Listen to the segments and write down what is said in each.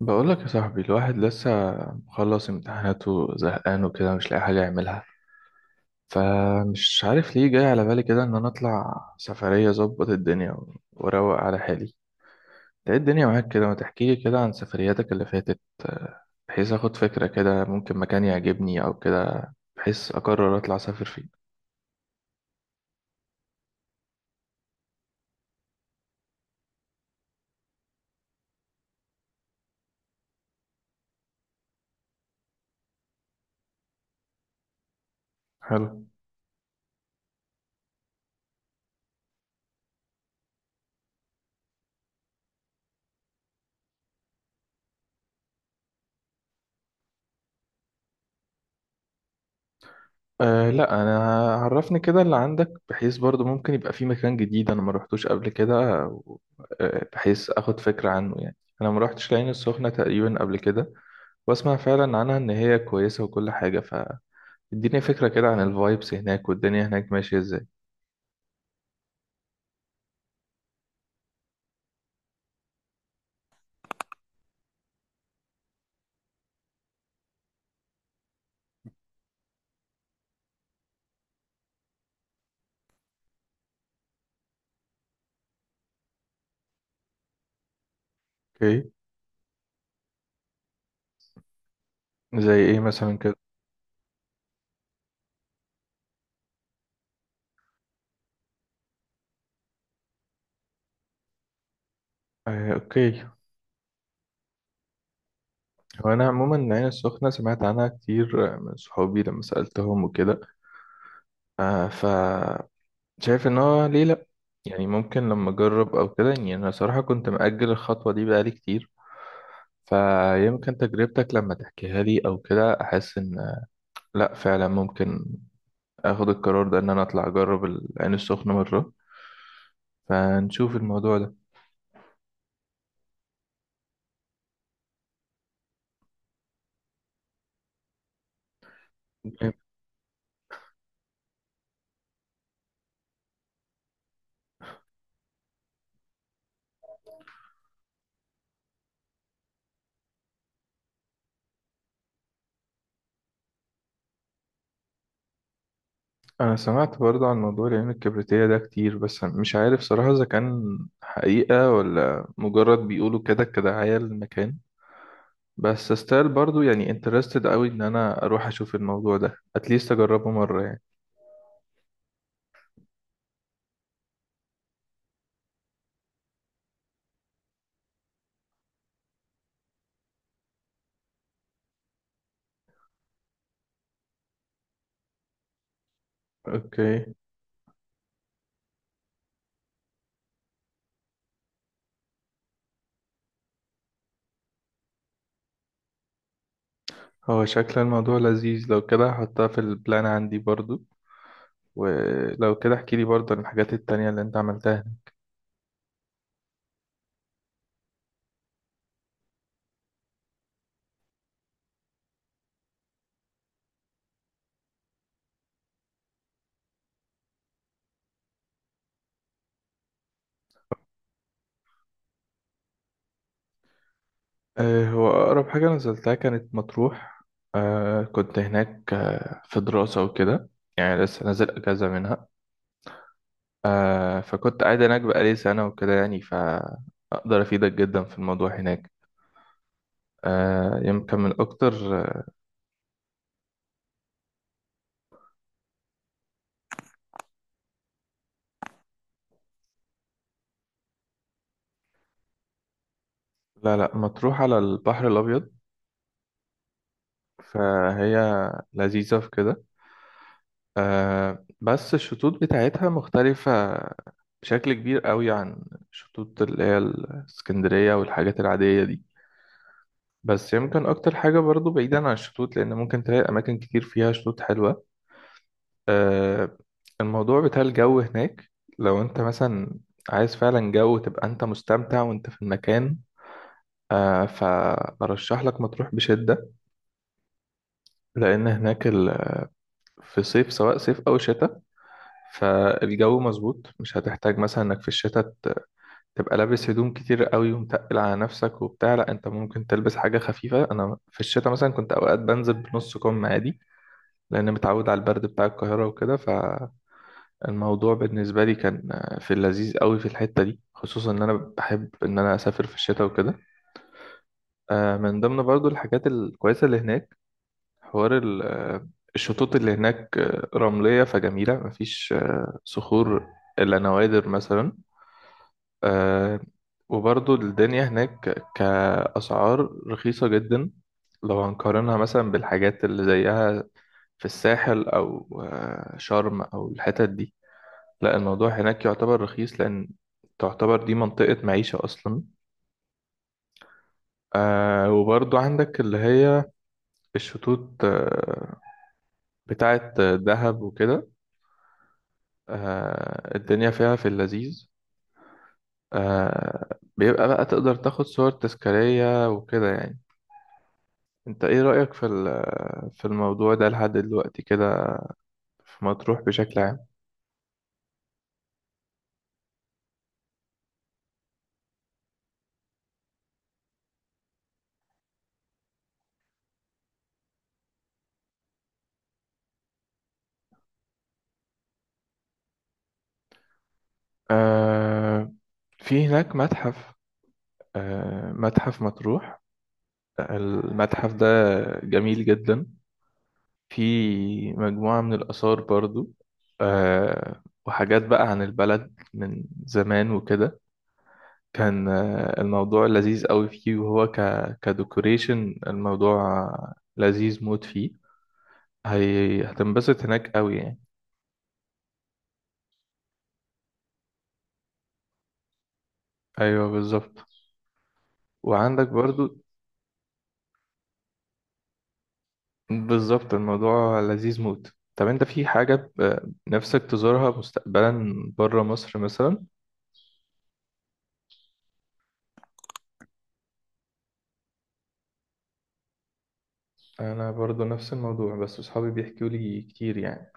بقولك يا صاحبي الواحد لسه مخلص امتحاناته زهقان وكده مش لاقي حاجة يعملها. فمش عارف ليه جاي على بالي كده ان انا اطلع سفرية اظبط الدنيا و- واروق على حالي. انت ايه الدنيا معاك كده؟ ما تحكيلي كده عن سفرياتك اللي فاتت، بحيث اخد فكرة كده ممكن مكان يعجبني او كده، بحيث اقرر اطلع اسافر فيه. حلو. أه لا انا عرفني كده اللي عندك، بحيث برضو ممكن يبقى في مكان جديد انا ما روحتوش قبل كده. و- بحيث اخد فكرة عنه، يعني انا ما روحتش العين السخنة تقريبا قبل كده، واسمع فعلا عنها ان هي كويسة وكل حاجة. فاديني فكرة كده عن الفايبس هناك والدنيا هناك ماشية ازاي. اوكي. زي ايه مثلا كده؟ أه اوكي. وانا عموما العين السخنة سمعت عنها كتير، من صحابي لما سألتهم وكده. أه. شايف ان هو ليه لا، يعني ممكن لما اجرب او كده، يعني انا صراحة كنت مأجل الخطوة دي بقالي كتير. فيمكن تجربتك لما تحكيها لي او كده احس ان لا فعلا ممكن اخد القرار ده ان انا اطلع اجرب العين السخنة مرة. فنشوف الموضوع ده. جامد. انا سمعت برضه عن موضوع العين الكبريتية ده كتير، بس مش عارف صراحة اذا كان حقيقة ولا مجرد بيقولوا كده كدعاية للمكان. بس استايل برضو يعني انترستد قوي ان انا اروح اشوف الموضوع ده، اتليست اجربه مره يعني. اوكي. هو شكل الموضوع لذيذ، لو كده هحطها في البلان عندي برضو. ولو كده احكي لي برضو عن الحاجات التانية اللي انت عملتها. آه هو اقرب حاجه نزلتها كانت مطروح. آه كنت هناك، في دراسه وكده، يعني لسه نازل اجازه منها. آه فكنت قاعد هناك بقالي سنه وكده، يعني فاقدر افيدك جدا في الموضوع هناك. يمكن من أكتر. لا لا مطروح على البحر الأبيض. فهي لذيذة في كده. آه بس الشطوط بتاعتها مختلفة بشكل كبير قوي عن الشطوط اللي هي الإسكندرية والحاجات العادية دي. بس يمكن أكتر حاجة برضو بعيدا عن الشطوط، لأن ممكن تلاقي أماكن كتير فيها شطوط حلوة. آه الموضوع بتاع الجو هناك، لو أنت مثلا عايز فعلا جو تبقى أنت مستمتع وأنت في المكان، فأرشح لك مطروح بشدة، لأن هناك في صيف، سواء صيف أو شتاء، فالجو مظبوط. مش هتحتاج مثلا إنك في الشتاء تبقى لابس هدوم كتير قوي ومتقل على نفسك وبتاع. لأ أنت ممكن تلبس حاجة خفيفة، أنا في الشتاء مثلا كنت أوقات بنزل بنص كم عادي، لأن متعود على البرد بتاع القاهرة وكده. فالموضوع بالنسبة لي كان في اللذيذ قوي في الحتة دي، خصوصا إن أنا بحب إن أنا أسافر في الشتاء وكده. من ضمن برضو الحاجات الكويسة اللي هناك حوار الشطوط اللي هناك، رملية فجميلة، مفيش صخور إلا نوادر مثلا. آه، وبرضو الدنيا هناك كأسعار رخيصة جدا، لو هنقارنها مثلا بالحاجات اللي زيها في الساحل أو شرم أو الحتت دي. لا الموضوع هناك يعتبر رخيص، لأن تعتبر دي منطقة معيشة أصلا. وبرضو عندك اللي هي الشطوط بتاعة دهب وكده. آه الدنيا فيها في اللذيذ. آه بيبقى بقى تقدر تاخد صور تذكارية وكده يعني. انت ايه رأيك في في الموضوع ده لحد دلوقتي كده، في مطروح بشكل عام؟ آه في هناك متحف، آه متحف مطروح. المتحف ده جميل جدا، في مجموعة من الآثار برضو، وحاجات بقى عن البلد من زمان وكده. كان الموضوع لذيذ قوي فيه، وهو كديكوريشن الموضوع لذيذ موت فيه. هتنبسط هناك قوي يعني. ايوه بالظبط. وعندك برضو. بالظبط الموضوع لذيذ موت. طب انت في حاجة نفسك تزورها مستقبلا بره مصر مثلا؟ انا برضو نفس الموضوع، بس اصحابي بيحكوا لي كتير يعني.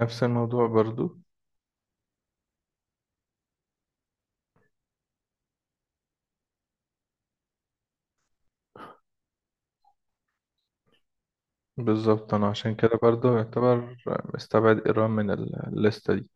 نفس الموضوع برضو. بالظبط، انا عشان كده برضو يعتبر مستبعد ايران من الليستة دي.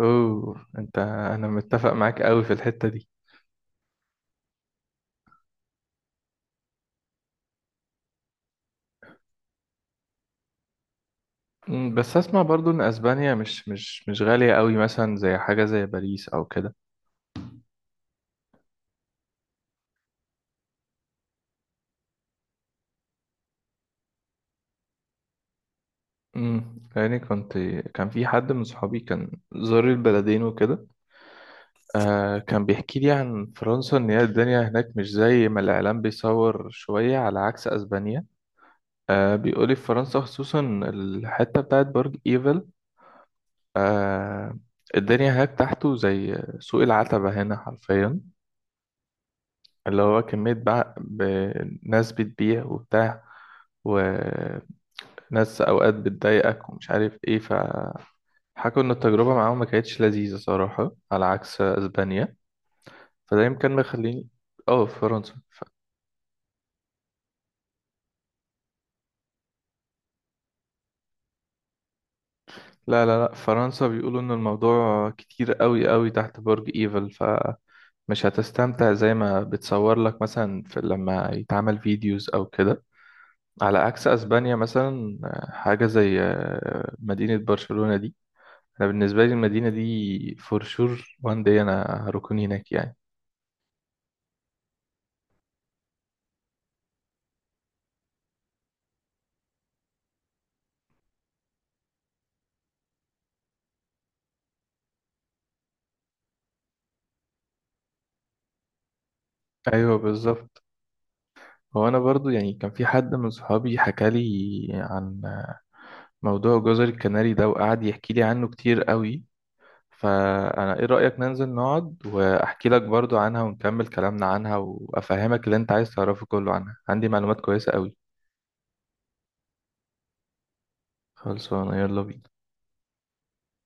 اوه انت انا متفق معاك قوي في الحتة دي. مم، بس اسمع برضو ان اسبانيا مش غالية قوي، مثلا زي حاجة زي باريس او كده. يعني كنت، كان في حد من صحابي كان زار البلدين وكده. آه كان بيحكي لي عن فرنسا ان هي الدنيا هناك مش زي ما الاعلام بيصور شوية، على عكس اسبانيا. آه بيقولي في فرنسا خصوصا الحتة بتاعت برج ايفل، آه الدنيا هناك تحته زي سوق العتبة هنا حرفيا، اللي هو كمية بقى ناس بتبيع وبتاع وناس أوقات بتضايقك ومش عارف إيه. فحكوا إن التجربة معاهم ما كانتش لذيذة صراحة، على عكس أسبانيا. فده يمكن مخليني آه في فرنسا لا لا في فرنسا بيقولوا إن الموضوع كتير قوي تحت برج إيفل، فمش هتستمتع زي ما بتصور لك مثلا في لما يتعمل فيديوز أو كده. على عكس أسبانيا مثلا، حاجة زي مدينة برشلونة دي. انا بالنسبه لي المدينه دي فور شور وان دي انا هركن هناك يعني. ايوه بالظبط. هو انا برضو يعني كان في حد من صحابي حكى لي عن موضوع جزر الكناري ده، وقعد يحكي لي عنه كتير قوي. فانا ايه رايك ننزل نقعد واحكي لك برضو عنها ونكمل كلامنا عنها وافهمك اللي انت عايز تعرفه كله عنها؟ عندي معلومات كويسه قوي. خلصانه، يلا بينا.